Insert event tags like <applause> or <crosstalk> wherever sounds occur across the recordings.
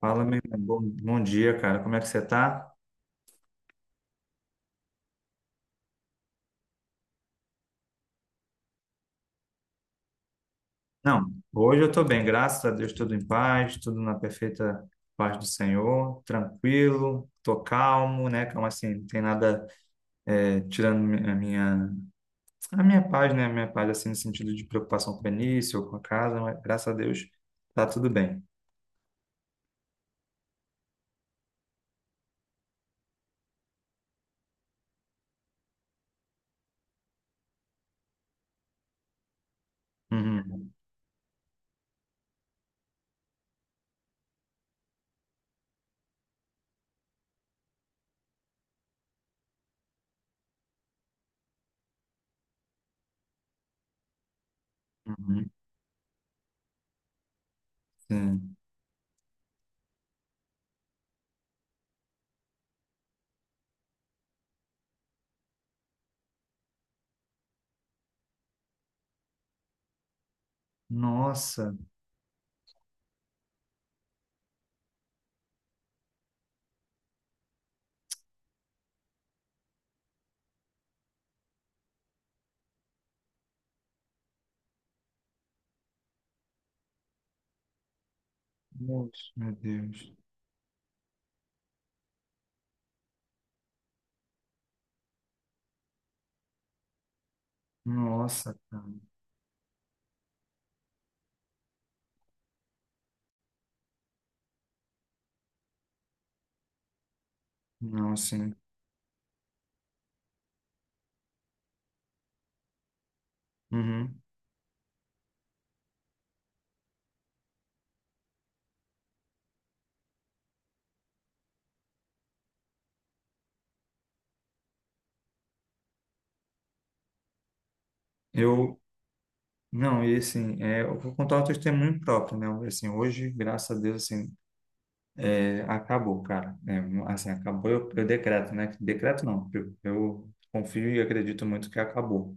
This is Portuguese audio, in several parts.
Fala, meu irmão. Bom dia, cara. Como é que você tá? Não, hoje eu tô bem, graças a Deus, tudo em paz, tudo na perfeita paz do Senhor, tranquilo, tô calmo, né? Calma assim, não tem nada tirando a minha paz, né? A minha paz, assim, no sentido de preocupação com o início ou com a casa, mas graças a Deus tá tudo bem. Uhum, uhum, sim. Nossa, nossa, meu Deus. Nossa, cara. Não, sim. Uhum. Eu, Não, e assim, é, eu vou contar o testemunho próprio, né? Assim, hoje, graças a Deus, assim, é, acabou, cara. É, assim, acabou, eu decreto, né? Decreto não, eu confio e acredito muito que acabou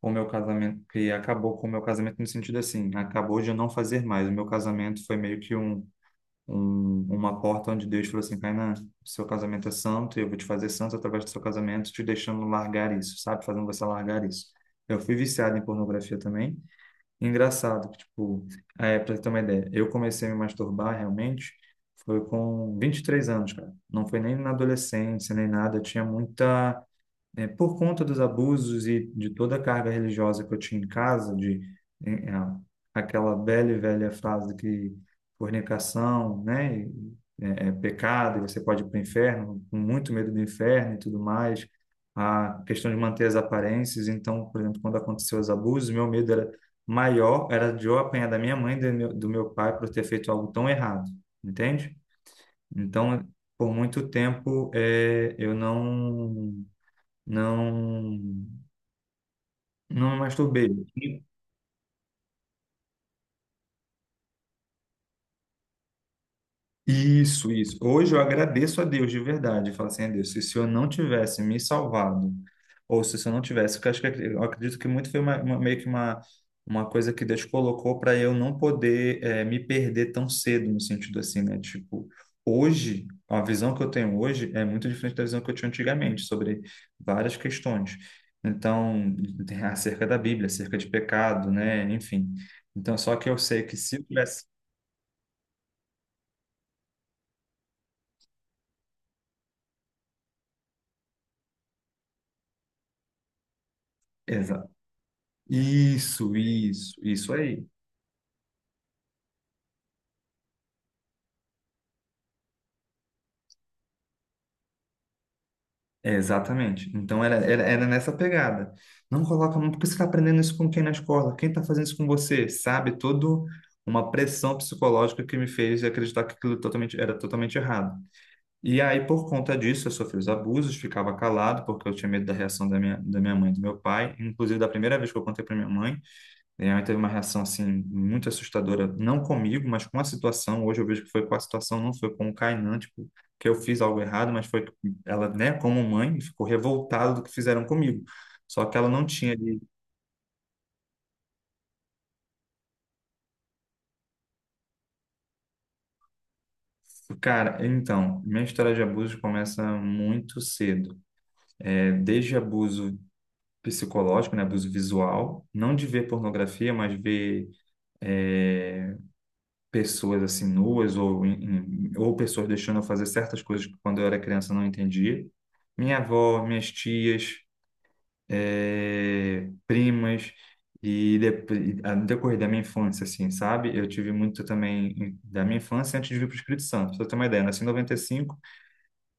com o meu casamento, que acabou com o meu casamento no sentido assim, acabou de eu não fazer mais. O meu casamento foi meio que um, uma porta onde Deus falou assim, Kainan, seu casamento é santo, e eu vou te fazer santo através do seu casamento, te deixando largar isso, sabe? Fazendo você largar isso. Eu fui viciado em pornografia também. Engraçado, que, tipo, é, pra você ter uma ideia, eu comecei a me masturbar realmente foi com 23 anos, cara. Não foi nem na adolescência, nem nada. Eu tinha muita é, por conta dos abusos e de toda a carga religiosa que eu tinha em casa, de eh, a- aquela velha e velha frase que fornicação, né, é pecado e você pode ir para o inferno, com muito medo do inferno e tudo mais, a questão de manter as aparências. Então, por exemplo, quando aconteceu os abusos, meu medo era maior, era de eu apanhar da minha mãe e do meu pai por ter feito algo tão errado, entende? Então, por muito tempo, eu não não, não me masturbei. Isso, isso. Hoje eu agradeço a Deus de verdade. Falo assim, a Deus, se o Senhor não tivesse me salvado, ou se o Senhor não tivesse, porque eu acho que eu acredito que muito foi uma, meio que uma coisa que Deus colocou para eu não poder me perder tão cedo, no sentido assim, né? Tipo, hoje, a visão que eu tenho hoje é muito diferente da visão que eu tinha antigamente sobre várias questões. Então, tem <laughs> acerca da Bíblia, acerca de pecado, né? Enfim. Então, só que eu sei que se eu tivesse. Isso aí. É, exatamente. Então era, era, era nessa pegada. Não coloca a mão, porque você está aprendendo isso com quem na escola? Quem está fazendo isso com você? Sabe? Todo uma pressão psicológica que me fez acreditar que aquilo totalmente, era totalmente errado. E aí, por conta disso, eu sofri os abusos, ficava calado, porque eu tinha medo da reação da minha mãe e do meu pai. Inclusive, da primeira vez que eu contei para minha mãe, e ela teve uma reação assim muito assustadora, não comigo, mas com a situação. Hoje eu vejo que foi com a situação, não foi com o Kainan, tipo, que eu fiz algo errado, mas foi que ela, né, como mãe, ficou revoltada do que fizeram comigo. Só que ela não tinha ali. Cara, então, minha história de abuso começa muito cedo. É, desde abuso psicológico, né, abuso visual, não de ver pornografia, mas ver é, pessoas assim nuas ou ou pessoas deixando eu fazer certas coisas que quando eu era criança eu não entendia. Minha avó, minhas tias, primas e no decorrer da minha infância, assim, sabe? Eu tive muito também da minha infância antes de vir para o Espírito Santo. Pra você ter uma ideia, eu nasci em 95 e cinco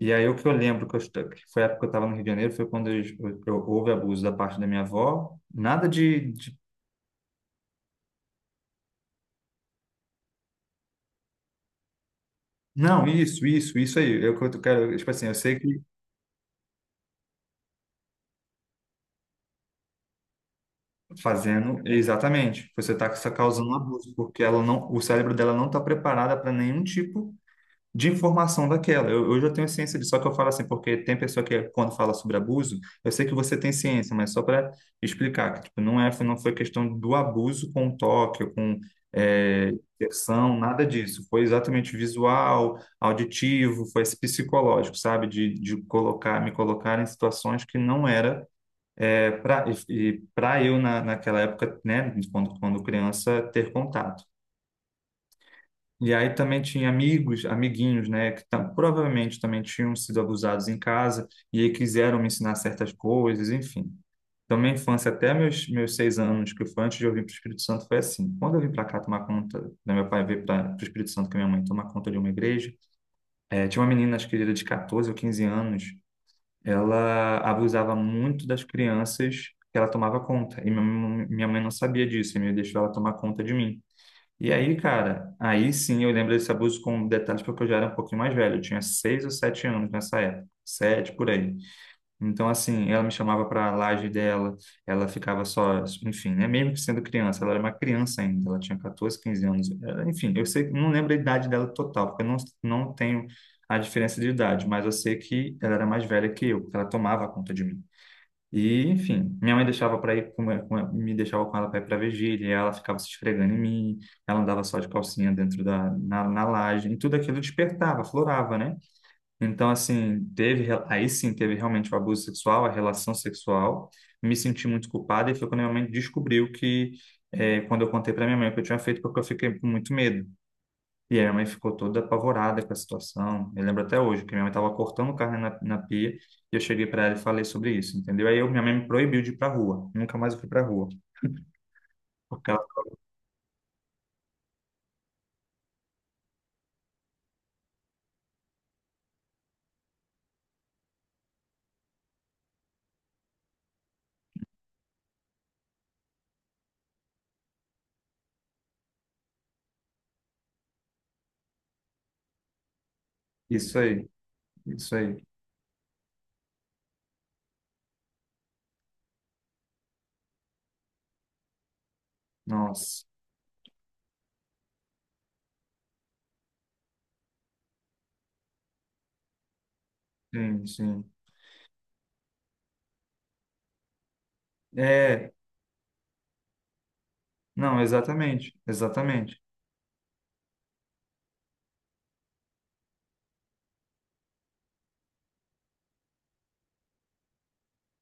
e aí o que eu lembro que, que foi a época que eu estava no Rio de Janeiro foi quando eu houve abuso da parte da minha avó. Nada de, não, isso aí. Eu quero, tipo assim, eu sei que fazendo, exatamente. Você está causando um abuso, porque ela não, o cérebro dela não está preparada para nenhum tipo de informação daquela. Eu já tenho ciência disso, só que eu falo assim, porque tem pessoa que quando fala sobre abuso, eu sei que você tem ciência, mas só para explicar que tipo, não é, não foi questão do abuso com toque, ou com é, inserção, nada disso. Foi exatamente visual, auditivo, foi esse psicológico, sabe? De colocar, me colocar em situações que não era é pra, e para eu, na, naquela época, né, quando, quando criança, ter contato. E aí também tinha amigos, amiguinhos, né, que tam, provavelmente também tinham sido abusados em casa e aí quiseram me ensinar certas coisas, enfim. Então, minha infância, até meus, meus 6 anos, que foi antes de eu vir para o Espírito Santo, foi assim. Quando eu vim para cá tomar conta, né, meu pai veio para o Espírito Santo com minha mãe tomar conta de uma igreja, tinha uma menina, acho que era de 14 ou 15 anos, ela abusava muito das crianças que ela tomava conta. E minha mãe não sabia disso, e me deixou ela tomar conta de mim. E aí, cara, aí sim eu lembro desse abuso com detalhes porque eu já era um pouquinho mais velho. Eu tinha 6 ou 7 anos nessa época. 7, por aí. Então, assim, ela me chamava para a laje dela, ela ficava só, enfim, né? Mesmo que sendo criança, ela era uma criança ainda, ela tinha 14, 15 anos. Enfim, eu sei, não lembro a idade dela total, porque eu não, não tenho a diferença de idade, mas eu sei que ela era mais velha que eu, porque ela tomava conta de mim. E, enfim, minha mãe deixava para ir com, me deixava com ela para ir para vigília, e ela ficava se esfregando em mim, ela andava só de calcinha dentro da na, na laje, e tudo aquilo despertava, florava, né? Então, assim, teve, aí sim teve realmente o abuso sexual, a relação sexual. Me senti muito culpada e foi quando minha mãe descobriu que, quando eu contei para minha mãe o que eu tinha feito, porque eu fiquei com muito medo. E aí minha mãe ficou toda apavorada com a situação. Eu lembro até hoje que minha mãe estava cortando carne na, na pia e eu cheguei para ela e falei sobre isso, entendeu? Aí eu, minha mãe me proibiu de ir para rua. Nunca mais eu fui para rua. Porque ela, isso aí, isso aí. Nossa, sim, sim. É, não, exatamente, exatamente.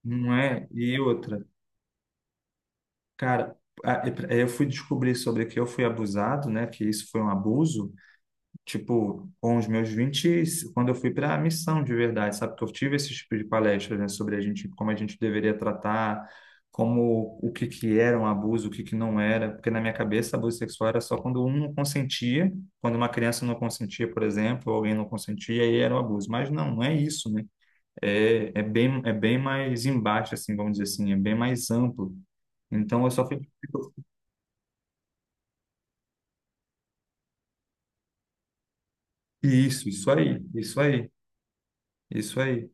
Não é? E outra. Cara, eu fui descobrir sobre que eu fui abusado, né? Que isso foi um abuso, tipo, com os meus 20 quando eu fui para a missão de verdade, sabe? Que eu tive esse tipo de palestra, né? Sobre a gente, como a gente deveria tratar, como o que que era um abuso, o que que não era. Porque na minha cabeça, abuso sexual era só quando um não consentia, quando uma criança não consentia, por exemplo, ou alguém não consentia, aí era um abuso. Mas não, não é isso, né? É bem mais embaixo, assim, vamos dizer assim, é bem mais amplo. Então, eu só fui... Isso aí, isso aí, isso aí.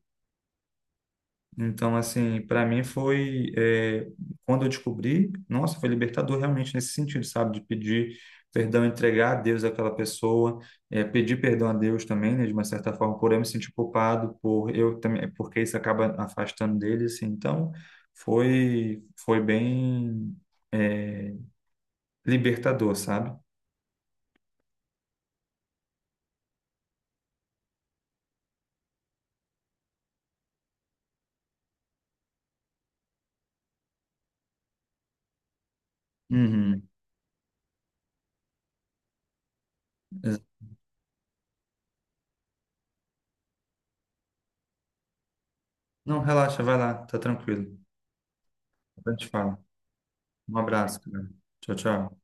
Então, assim, para mim foi, é, quando eu descobri, nossa, foi libertador realmente nesse sentido, sabe? De pedir perdão, entregar a Deus aquela pessoa, pedir perdão a Deus também, né? De uma certa forma, por eu me sentir culpado, por eu também, porque isso acaba afastando dele, assim. Então, foi, foi bem, é, libertador, sabe? Uhum. Ex- Não, relaxa, vai lá, tá tranquilo. A gente fala. Um abraço, cara. Tchau, tchau.